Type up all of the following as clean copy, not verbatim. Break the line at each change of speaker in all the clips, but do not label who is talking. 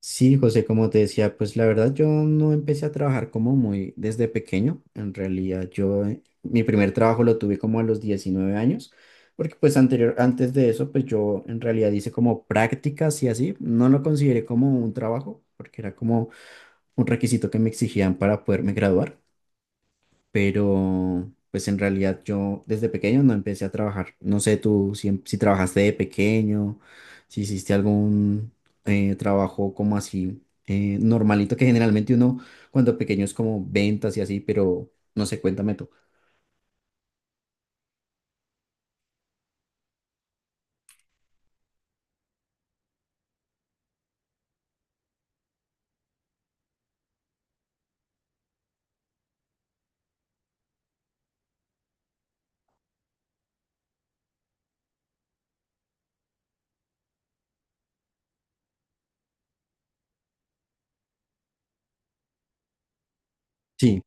Sí, José, como te decía, pues la verdad yo no empecé a trabajar como muy desde pequeño. En realidad yo mi primer trabajo lo tuve como a los 19 años, porque pues anterior, antes de eso, pues yo en realidad hice como prácticas y así. No lo consideré como un trabajo, porque era como un requisito que me exigían para poderme graduar, pero pues en realidad yo desde pequeño no empecé a trabajar. No sé tú si, si trabajaste de pequeño, si hiciste algún trabajo como así normalito, que generalmente uno cuando pequeño es como ventas y así, pero no sé, cuéntame tú. Sí,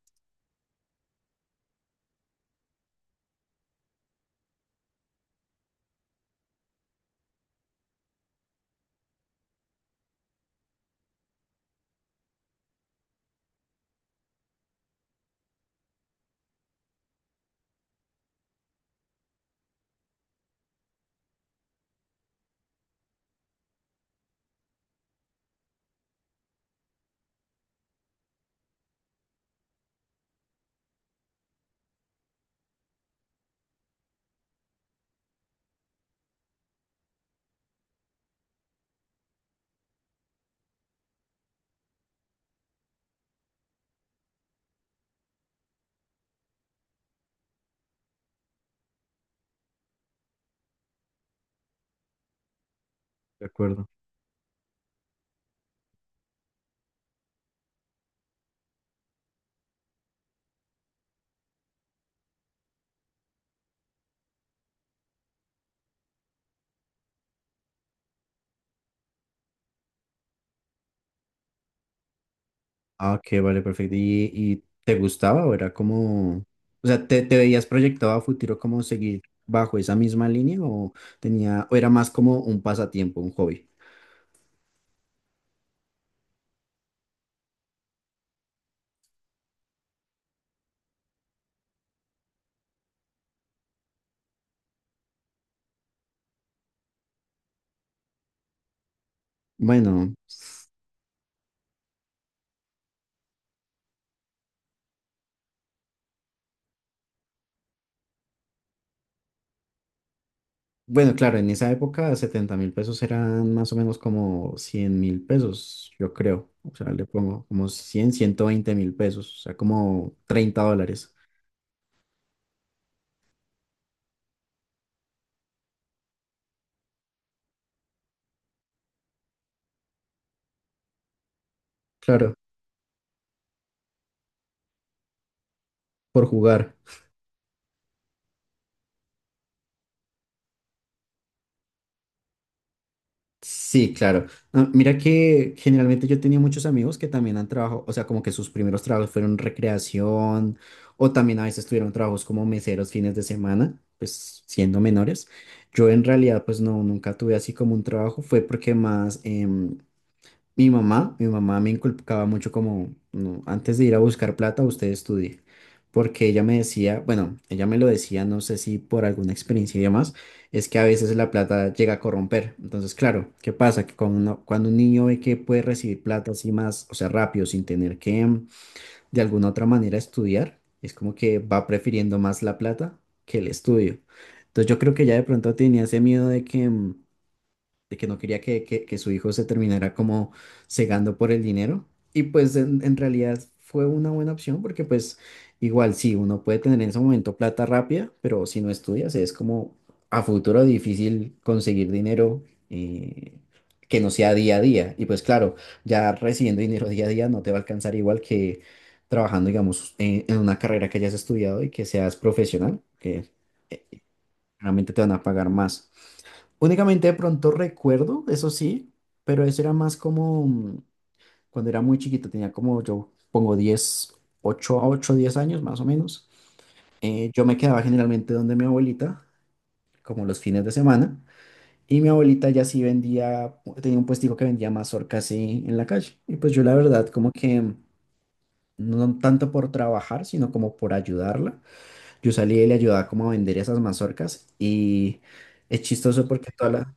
de acuerdo. Ah, ok, vale, perfecto. Y te gustaba o era como, o sea, te veías proyectado a futuro como seguir bajo esa misma línea o tenía, o era más como un pasatiempo, un hobby? Bueno. Bueno, claro, en esa época 70.000 pesos eran más o menos como 100.000 pesos, yo creo. O sea, le pongo como cien 120.000 pesos, o sea, como 30 dólares. Claro, por jugar. Sí, claro. Ah, mira que generalmente yo tenía muchos amigos que también han trabajado, o sea, como que sus primeros trabajos fueron recreación o también a veces tuvieron trabajos como meseros fines de semana, pues siendo menores. Yo en realidad pues no, nunca tuve así como un trabajo, fue porque más... mi mamá me inculcaba mucho como, no, antes de ir a buscar plata, usted estudie, porque ella me decía, bueno, ella me lo decía, no sé si por alguna experiencia y demás, es que a veces la plata llega a corromper. Entonces, claro, ¿qué pasa? Que cuando, cuando un niño ve que puede recibir plata así más, o sea, rápido, sin tener que de alguna otra manera estudiar, es como que va prefiriendo más la plata que el estudio. Entonces, yo creo que ya de pronto tenía ese miedo de que... de que no quería que, que su hijo se terminara como cegando por el dinero. Y pues en realidad fue una buena opción porque pues igual sí, uno puede tener en ese momento plata rápida, pero si no estudias es como a futuro difícil conseguir dinero eh, que no sea día a día. Y pues claro, ya recibiendo dinero día a día no te va a alcanzar igual que trabajando, digamos, en una carrera que hayas estudiado y que seas profesional, que eh, realmente te van a pagar más. Únicamente de pronto recuerdo, eso sí, pero eso era más como cuando era muy chiquito, tenía como yo pongo 10 8 a 8, 10 años más o menos. Yo me quedaba generalmente donde mi abuelita, como los fines de semana, y mi abuelita ya sí vendía, tenía un puestico que vendía mazorcas en la calle. Y pues yo la verdad como que no tanto por trabajar, sino como por ayudarla. Yo salía y le ayudaba como a vender esas mazorcas y es chistoso porque toda la...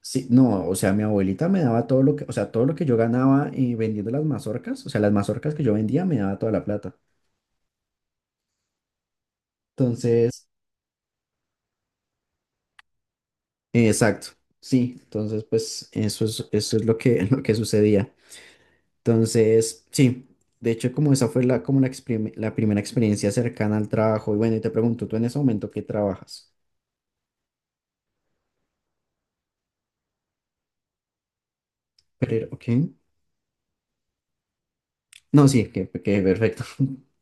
Sí, no, o sea, mi abuelita me daba todo lo que, o sea, todo lo que yo ganaba vendiendo las mazorcas, o sea, las mazorcas que yo vendía me daba toda la plata. Entonces, exacto, sí, entonces pues eso es lo que, lo que sucedía. Entonces, sí, de hecho como esa fue la, como la, la primera experiencia cercana al trabajo. Y bueno, y te pregunto, ¿tú en ese momento qué trabajas? Pero, ok, no, sí, que perfecto.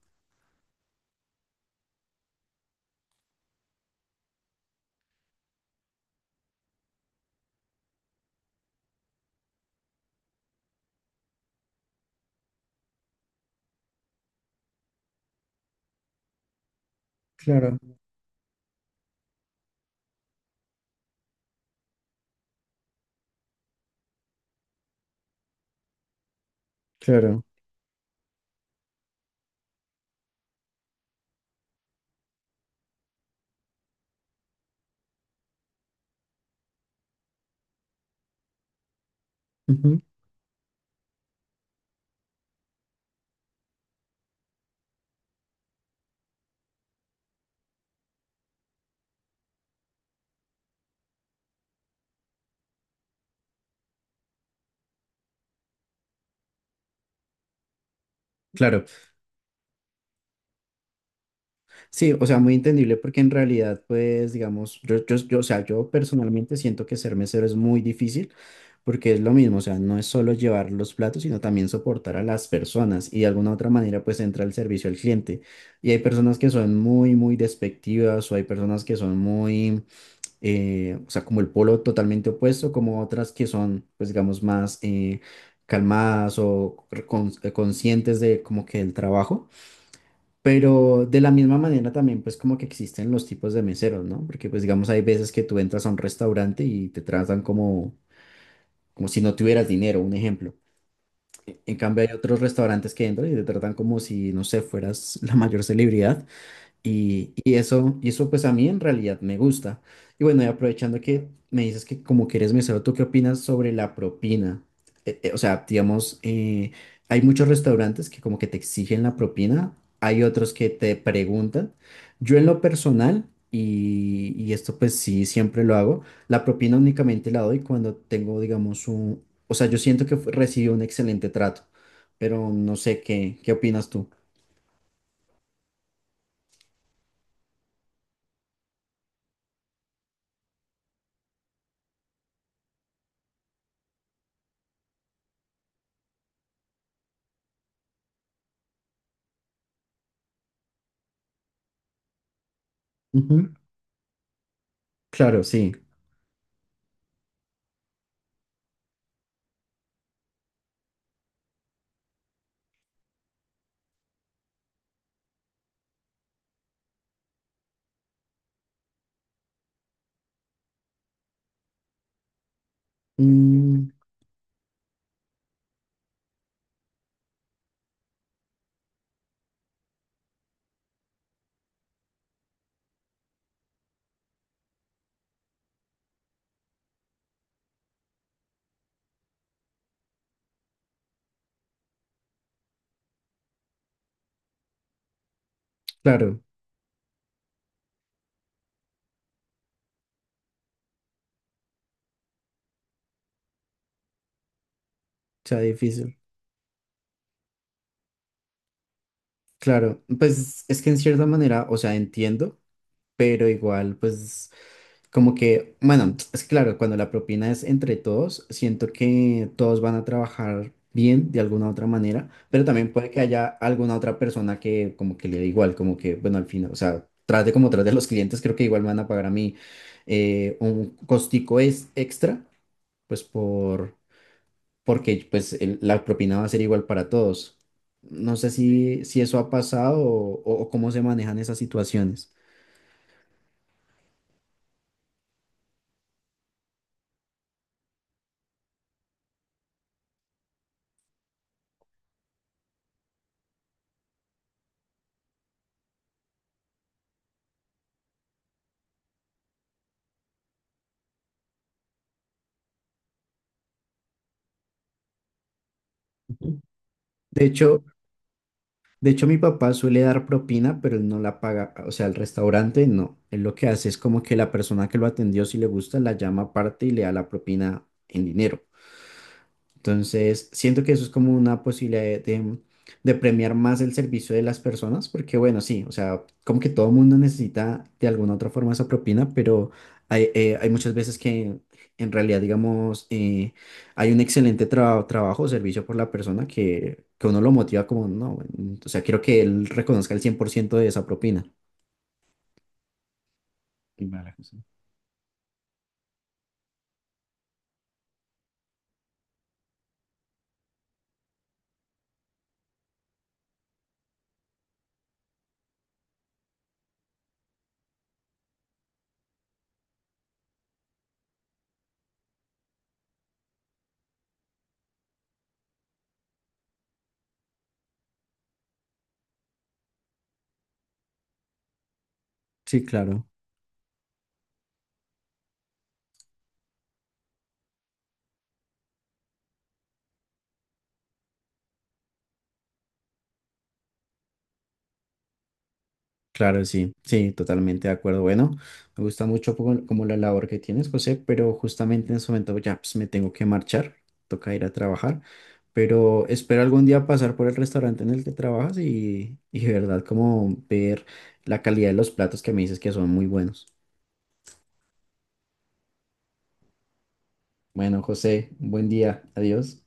Claro, claro. Ujú. Claro. Sí, o sea, muy entendible porque en realidad, pues, digamos, yo, o sea, yo personalmente siento que ser mesero es muy difícil porque es lo mismo, o sea, no es solo llevar los platos, sino también soportar a las personas y de alguna u otra manera, pues, entra el servicio al cliente. Y hay personas que son muy, muy despectivas o hay personas que son muy, o sea, como el polo totalmente opuesto, como otras que son, pues, digamos, más calmadas o conscientes de como que el trabajo. Pero de la misma manera también pues como que existen los tipos de meseros, ¿no? Porque pues digamos hay veces que tú entras a un restaurante y te tratan como, como si no tuvieras dinero, un ejemplo. En cambio hay otros restaurantes que entran y te tratan como si, no sé, fueras la mayor celebridad y eso pues a mí en realidad me gusta. Y bueno, y aprovechando que me dices que como que eres mesero, ¿tú qué opinas sobre la propina? O sea, digamos, hay muchos restaurantes que como que te exigen la propina, hay otros que te preguntan. Yo en lo personal, y esto pues sí, siempre lo hago, la propina únicamente la doy cuando tengo, digamos, un... O sea, yo siento que recibí un excelente trato, pero no sé qué, qué opinas tú. Ujú. Claro, sí. Claro, sea difícil. Claro, pues es que en cierta manera, o sea, entiendo, pero igual, pues como que, bueno, es que claro, cuando la propina es entre todos, siento que todos van a trabajar bien de alguna u otra manera, pero también puede que haya alguna otra persona que como que le dé igual, como que, bueno, al final, o sea, trate como trate a los clientes, creo que igual me van a pagar a mí un costico es extra, pues por... porque pues la propina va a ser igual para todos. No sé si, si eso ha pasado o cómo se manejan esas situaciones. Ujú. De hecho, de hecho, mi papá suele dar propina, pero él no la paga, o sea, el restaurante no. Él lo que hace es como que la persona que lo atendió, si le gusta, la llama aparte y le da la propina en dinero. Entonces, siento que eso es como una posibilidad de, de premiar más el servicio de las personas, porque bueno, sí, o sea, como que todo mundo necesita de alguna otra forma esa propina, pero hay, hay muchas veces que en realidad, digamos, hay un excelente trabajo o servicio por la persona que uno lo motiva como, no, bueno, o sea, quiero que él reconozca el 100% de esa propina. Qué mala cosa. Sí, claro. Claro, sí, sí, totalmente de acuerdo. Bueno, me gusta mucho como, como la labor que tienes, José, pero justamente en este momento ya pues, me tengo que marchar, toca ir a trabajar, pero espero algún día pasar por el restaurante en el que trabajas y de verdad como ver la calidad de los platos que me dices que son muy buenos. Bueno, José, buen día, adiós.